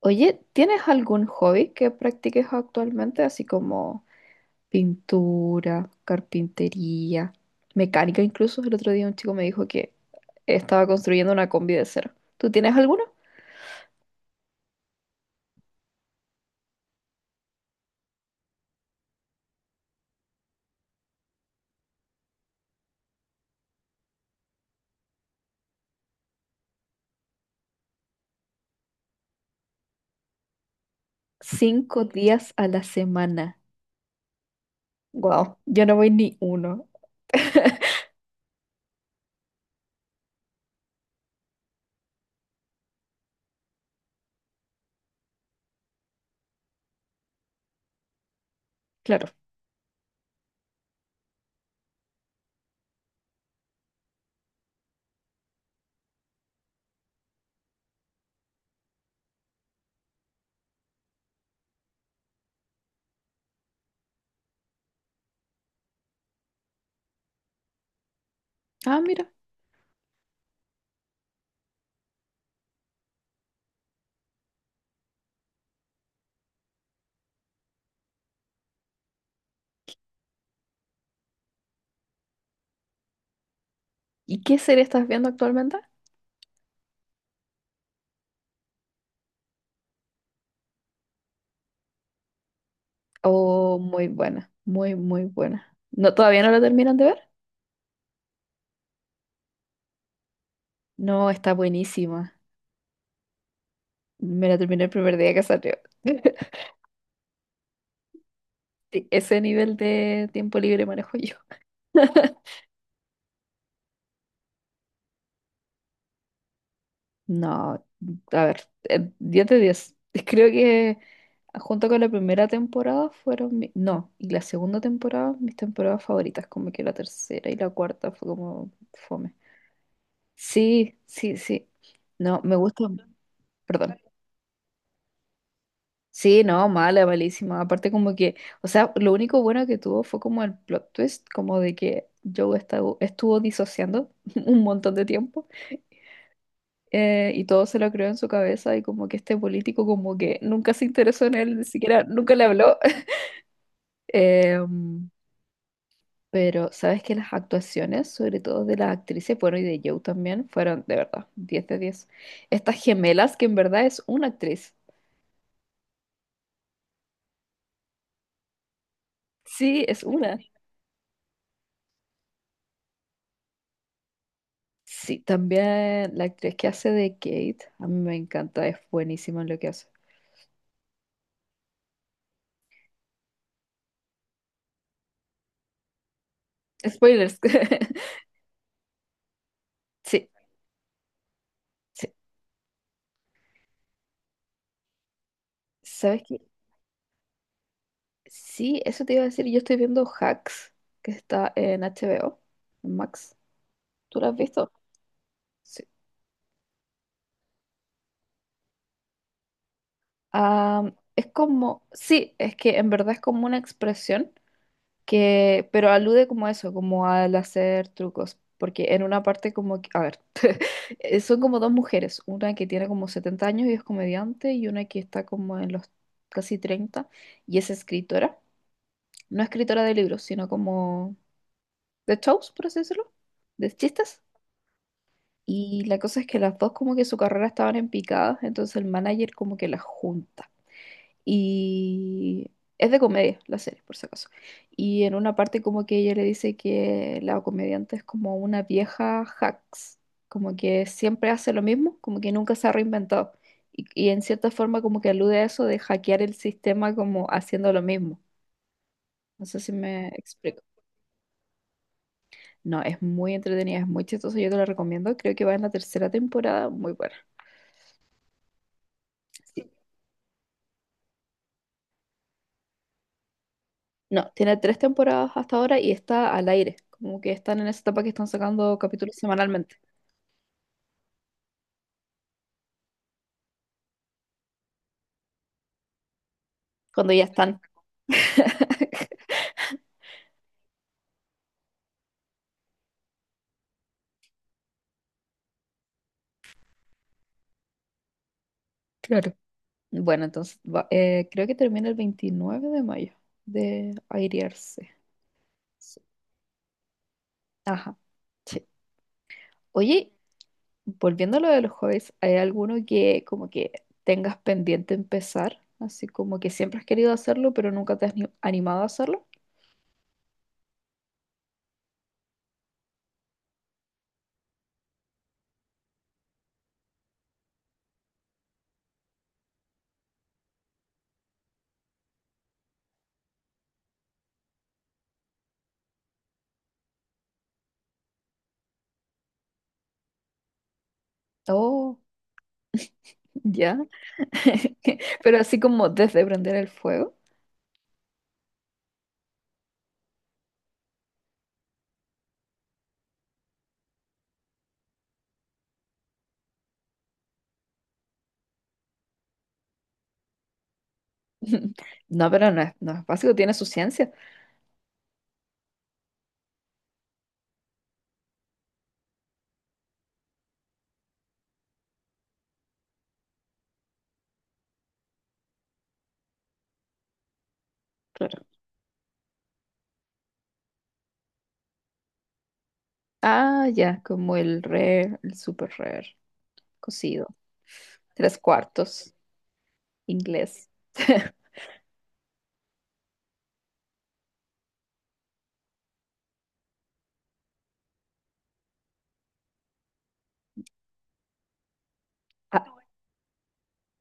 Oye, ¿tienes algún hobby que practiques actualmente, así como pintura, carpintería, mecánica? Incluso el otro día un chico me dijo que estaba construyendo una combi de cero. ¿Tú tienes alguno? Cinco días a la semana. Wow, yo no voy ni uno. Claro. Ah, mira. ¿Y qué serie estás viendo actualmente? Oh, muy buena, muy, muy buena. ¿No, todavía no la terminan de ver? No, está buenísima. Me la terminé el primer día que salió. Sí, ese nivel de tiempo libre manejo yo. No, a ver, 10 de diez. Creo que junto con la primera temporada fueron, no, y la segunda temporada, mis temporadas favoritas, como que la tercera y la cuarta fue como fome. Sí, sí, sí. No, me gusta, perdón. Sí, no, mala, malísima. Aparte como que, o sea, lo único bueno que tuvo fue como el plot twist, como de que Joe estuvo disociando un montón de tiempo. Y todo se lo creó en su cabeza y como que este político como que nunca se interesó en él, ni siquiera nunca le habló. Em, pero sabes que las actuaciones, sobre todo de las actrices, bueno, y de Joe también, fueron de verdad 10 de 10. Estas gemelas que en verdad es una actriz. Sí, es una. Sí, también la actriz que hace de Kate, a mí me encanta, es buenísima en lo que hace. Spoilers. Sí, sí. ¿Sabes qué? Sí, eso te iba a decir. Yo estoy viendo Hacks, que está en HBO, en Max. ¿Tú lo has visto? Sí. Es como, sí, es que en verdad es como una expresión pero alude como a eso, como al hacer trucos. Porque en una parte como, a ver, son como dos mujeres, una que tiene como 70 años y es comediante y una que está como en los casi 30 y es escritora. No escritora de libros, sino como de shows, por así decirlo, de chistes. Y la cosa es que las dos como que su carrera estaban en picadas, entonces el manager como que las junta. Y es de comedia la serie, por si acaso. Y en una parte como que ella le dice que la comediante es como una vieja hacks, como que siempre hace lo mismo, como que nunca se ha reinventado. Y en cierta forma como que alude a eso de hackear el sistema como haciendo lo mismo. No sé si me explico. No, es muy entretenida, es muy chistosa, yo te la recomiendo. Creo que va en la tercera temporada, muy buena. No, tiene 3 temporadas hasta ahora y está al aire. Como que están en esa etapa que están sacando capítulos semanalmente, cuando ya están. Claro. Bueno, entonces creo que termina el 29 de mayo de airearse. Sí. Ajá. Sí. Oye, volviendo a lo de los hobbies, ¿hay alguno que como que tengas pendiente empezar? Así como que siempre has querido hacerlo, pero nunca te has animado a hacerlo. Oh, ya. Pero así como desde prender el fuego. No, pero no es básico, tiene su ciencia. Claro. Ah, ya, como el rare, el super rare, cocido. Tres cuartos, inglés. Ah,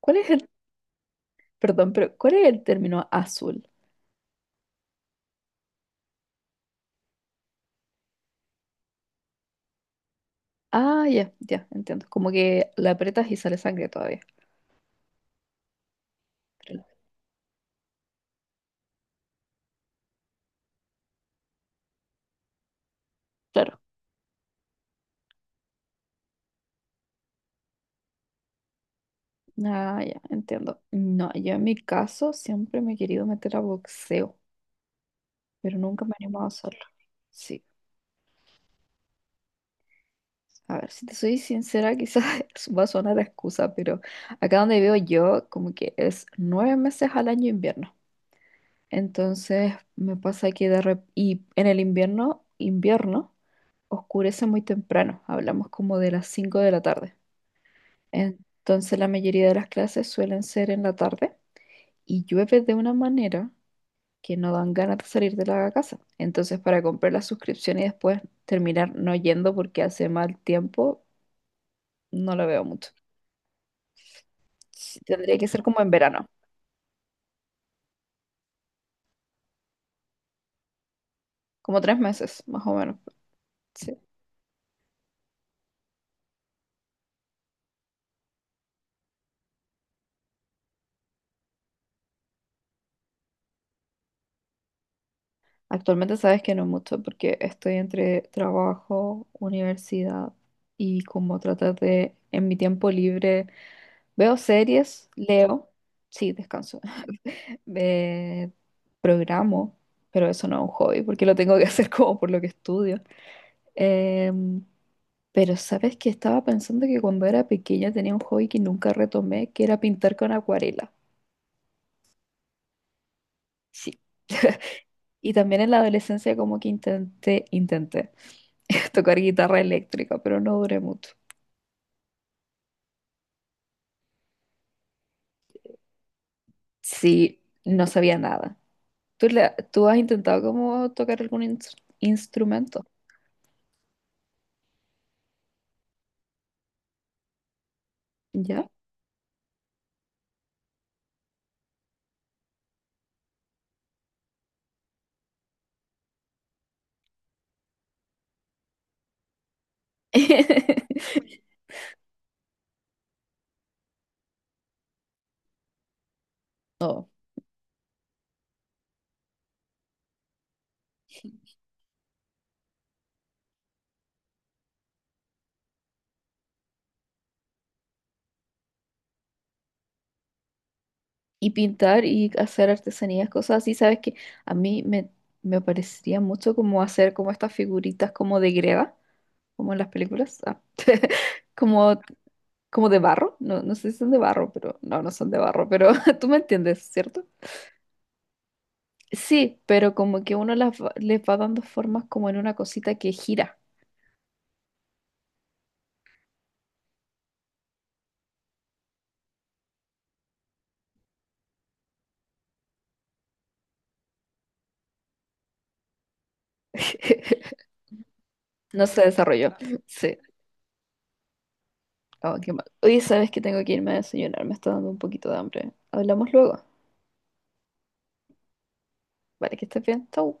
¿cuál es el, perdón, pero cuál es el término azul? Ah, ya, ya, entiendo. Como que la aprietas y sale sangre todavía. Claro. Ah, ya, entiendo. No, yo en mi caso siempre me he querido meter a boxeo, pero nunca me he animado a hacerlo. Sí. A ver, si te soy sincera, quizás va a sonar a excusa, pero acá donde vivo yo, como que es 9 meses al año invierno. Entonces me pasa que y en el invierno, invierno, oscurece muy temprano, hablamos como de las 5 de la tarde. Entonces la mayoría de las clases suelen ser en la tarde y llueve de una manera que no dan ganas de salir de la casa. Entonces para comprar la suscripción y después terminar no yendo porque hace mal tiempo, no lo veo mucho. Sí, tendría que ser como en verano, como 3 meses, más o menos. Sí. Actualmente sabes que no mucho porque estoy entre trabajo, universidad y como tratar de, en mi tiempo libre, veo series, leo, sí, descanso, eh, programo, pero eso no es un hobby porque lo tengo que hacer como por lo que estudio. Em, pero sabes que estaba pensando que cuando era pequeña tenía un hobby que nunca retomé, que era pintar con acuarela. Sí. Y también en la adolescencia como que intenté tocar guitarra eléctrica, pero no duré mucho. Sí, no sabía nada. ¿Tú has intentado como tocar algún instrumento? ¿Ya? No. Y pintar y hacer artesanías, cosas así, sabes que a mí me parecería mucho como hacer como estas figuritas como de greda, como en las películas, ah, como, como de barro, no, no sé si son de barro, pero no, no son de barro, pero tú me entiendes, ¿cierto? Sí, pero como que uno las les va dando formas como en una cosita que gira. No se desarrolló. Sí. Oh, qué mal. Oye, sabes que tengo que irme a desayunar, me está dando un poquito de hambre. Hablamos luego. Vale, que estés bien. Chau.